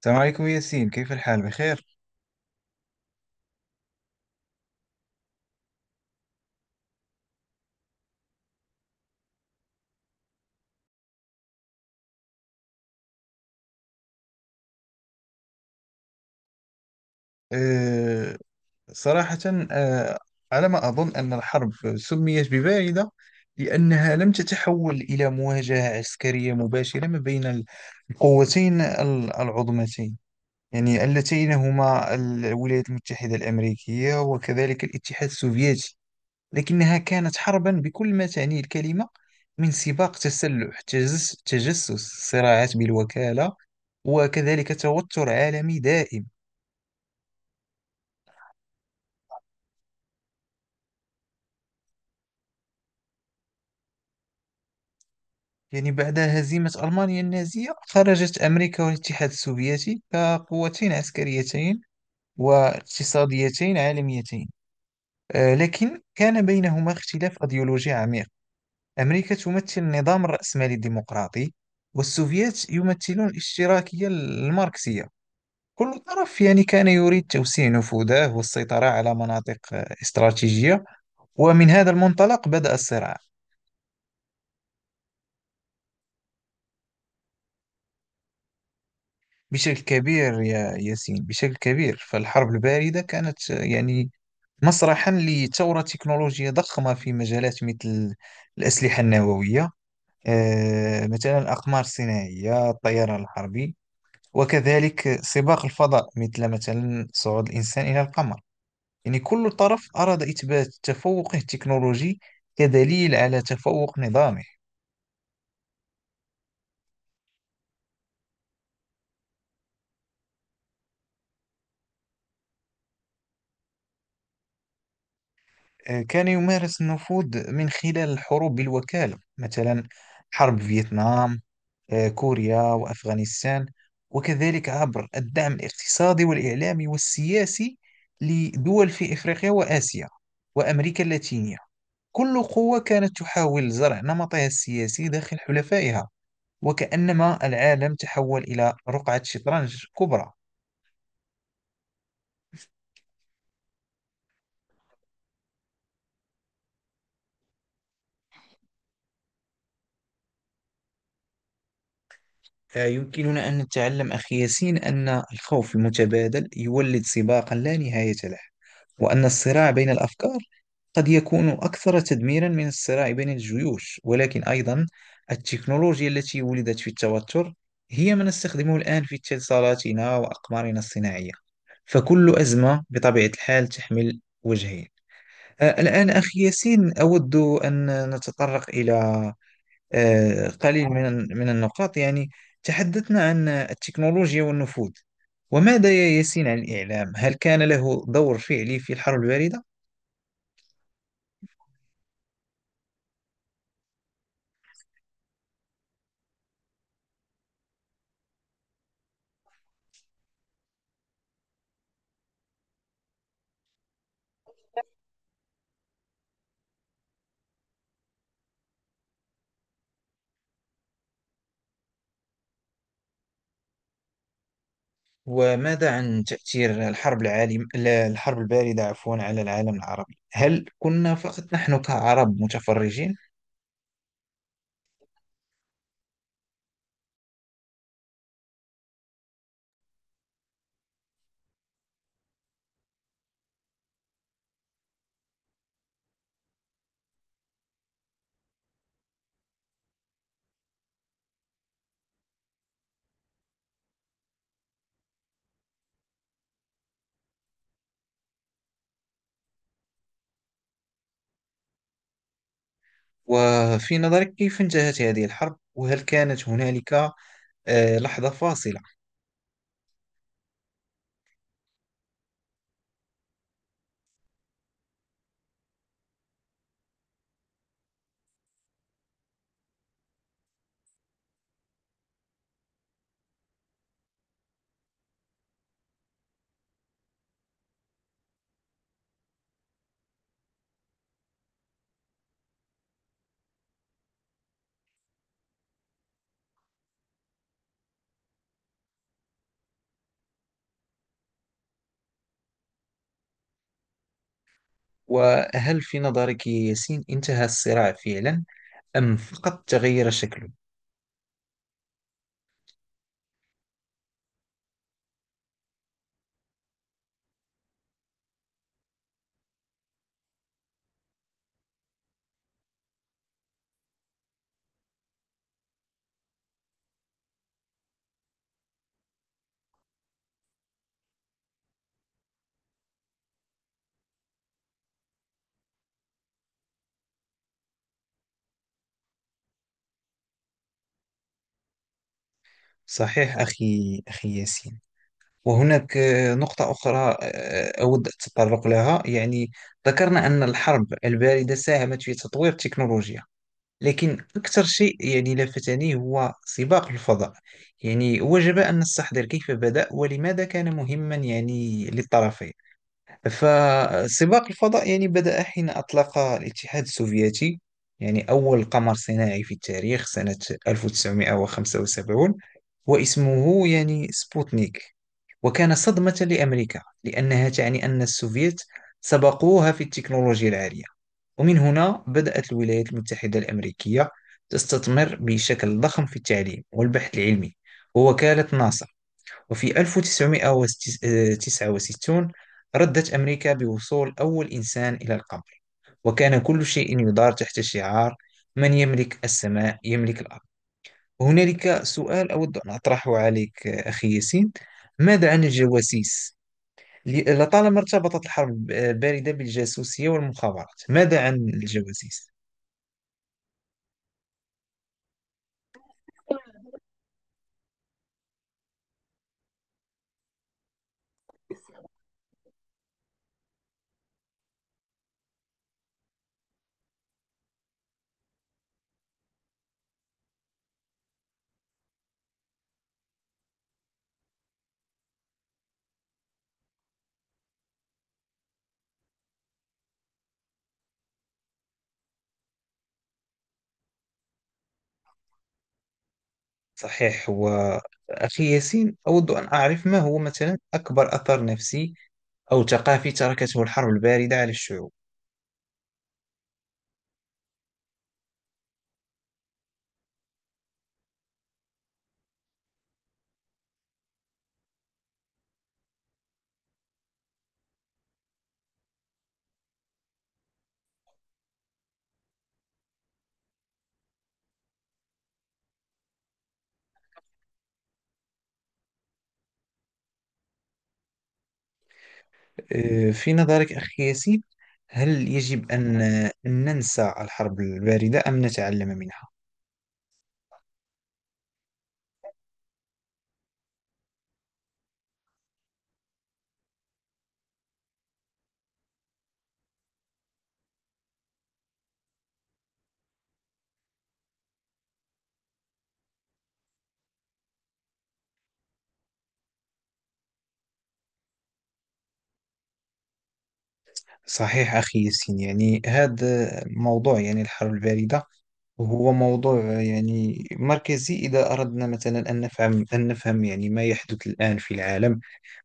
السلام عليكم ياسين، كيف الحال؟ بخير؟ أه صراحة أه على ما أظن أن الحرب سميت بباعدة لأنها لم تتحول إلى مواجهة عسكرية مباشرة ما بين القوتين العظمتين، يعني اللتين هما الولايات المتحدة الأمريكية وكذلك الاتحاد السوفيتي. لكنها كانت حربا بكل ما تعنيه الكلمة، من سباق تسلح، تجسس، صراعات بالوكالة، وكذلك توتر عالمي دائم. يعني بعد هزيمة ألمانيا النازية خرجت أمريكا والاتحاد السوفيتي كقوتين عسكريتين واقتصاديتين عالميتين، لكن كان بينهما اختلاف أيديولوجي عميق. أمريكا تمثل النظام الرأسمالي الديمقراطي، والسوفيات يمثلون الاشتراكية الماركسية. كل طرف يعني كان يريد توسيع نفوذه والسيطرة على مناطق استراتيجية، ومن هذا المنطلق بدأ الصراع. بشكل كبير يا ياسين، بشكل كبير. فالحرب الباردة كانت يعني مسرحا لثورة تكنولوجية ضخمة في مجالات مثل الأسلحة النووية، مثلا الأقمار الصناعية، الطيران الحربي، وكذلك سباق الفضاء، مثل مثلا صعود الإنسان إلى القمر. يعني كل طرف أراد إثبات تفوقه التكنولوجي كدليل على تفوق نظامه. كان يمارس النفوذ من خلال الحروب بالوكالة، مثلا حرب فيتنام، كوريا وأفغانستان، وكذلك عبر الدعم الاقتصادي والإعلامي والسياسي لدول في إفريقيا وآسيا وأمريكا اللاتينية. كل قوة كانت تحاول زرع نمطها السياسي داخل حلفائها، وكأنما العالم تحول إلى رقعة شطرنج كبرى. يمكننا أن نتعلم، أخي ياسين، أن الخوف المتبادل يولد سباقا لا نهاية له، وأن الصراع بين الأفكار قد يكون أكثر تدميرا من الصراع بين الجيوش، ولكن أيضا التكنولوجيا التي ولدت في التوتر هي ما نستخدمه الآن في اتصالاتنا وأقمارنا الصناعية. فكل أزمة بطبيعة الحال تحمل وجهين. الآن أخي ياسين، أود أن نتطرق إلى قليل من النقاط. يعني تحدثنا عن التكنولوجيا والنفوذ، وماذا يا ياسين عن الإعلام؟ هل كان له دور فعلي في الحرب الباردة؟ وماذا عن تأثير الحرب العالم لا، الحرب الباردة، عفوا، على العالم العربي؟ هل كنا فقط نحن كعرب متفرجين؟ وفي نظرك كيف انتهت هذه الحرب؟ وهل كانت هنالك لحظة فاصلة؟ وهل في نظرك يا ياسين انتهى الصراع فعلا أم فقط تغير شكله؟ صحيح أخي ياسين، وهناك نقطة أخرى أود التطرق لها. يعني ذكرنا أن الحرب الباردة ساهمت في تطوير التكنولوجيا، لكن أكثر شيء يعني لفتني هو سباق الفضاء. يعني وجب أن نستحضر كيف بدأ ولماذا كان مهما يعني للطرفين. فسباق الفضاء يعني بدأ حين أطلق الاتحاد السوفيتي يعني أول قمر صناعي في التاريخ سنة 1975، واسمه يعني سبوتنيك، وكان صدمة لأمريكا لأنها تعني أن السوفيت سبقوها في التكنولوجيا العالية. ومن هنا بدأت الولايات المتحدة الأمريكية تستثمر بشكل ضخم في التعليم والبحث العلمي ووكالة ناسا، وفي 1969 ردت أمريكا بوصول أول إنسان إلى القمر، وكان كل شيء يدار تحت شعار: من يملك السماء يملك الأرض. هنالك سؤال أود أن أطرحه عليك أخي ياسين، ماذا عن الجواسيس؟ لطالما ارتبطت الحرب الباردة بالجاسوسية والمخابرات، ماذا عن الجواسيس؟ صحيح. وأخي ياسين، أود أن أعرف ما هو مثلا أكبر أثر نفسي أو ثقافي تركته الحرب الباردة على الشعوب. في نظرك أخي ياسين، هل يجب أن ننسى الحرب الباردة أم نتعلم منها؟ صحيح أخي ياسين. يعني هذا موضوع، يعني الحرب الباردة هو موضوع يعني مركزي، إذا أردنا مثلا أن نفهم أن نفهم يعني ما يحدث الآن في العالم.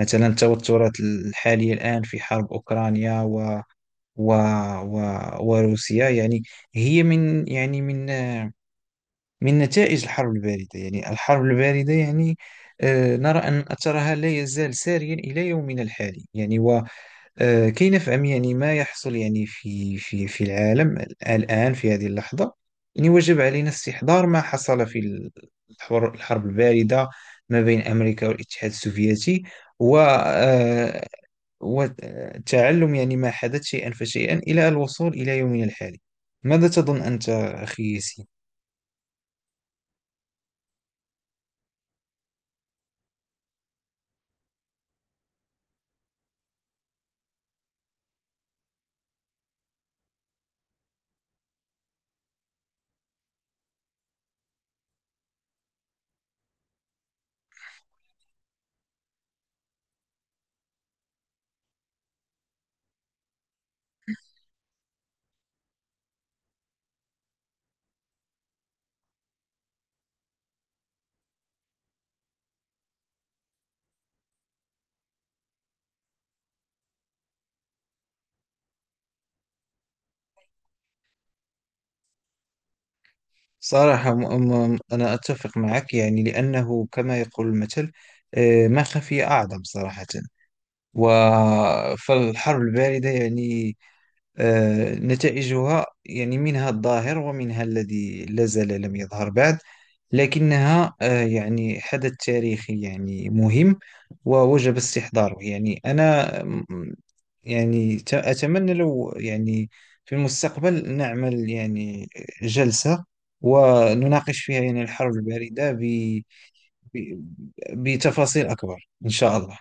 مثلا التوترات الحالية الآن في حرب أوكرانيا و و وروسيا يعني هي من يعني من نتائج الحرب الباردة. يعني الحرب الباردة يعني نرى أن أثرها لا يزال ساريا إلى يومنا الحالي، يعني. وكي نفهم يعني ما يحصل يعني في العالم الآن في هذه اللحظة، يعني وجب علينا استحضار ما حصل في الحرب الباردة ما بين أمريكا والاتحاد السوفيتي، و وتعلم يعني ما حدث شيئا فشيئا إلى الوصول إلى يومنا الحالي. ماذا تظن أنت أخي ياسين؟ صراحة، أنا أتفق معك، يعني لأنه كما يقول المثل، ما خفي أعظم. صراحة، فالحرب الباردة يعني نتائجها يعني منها الظاهر ومنها الذي لا زال لم يظهر بعد، لكنها يعني حدث تاريخي يعني مهم، ووجب استحضاره. يعني أنا يعني أتمنى لو يعني في المستقبل نعمل يعني جلسة ونناقش فيها يعني الحرب الباردة ب... بتفاصيل أكبر، إن شاء الله.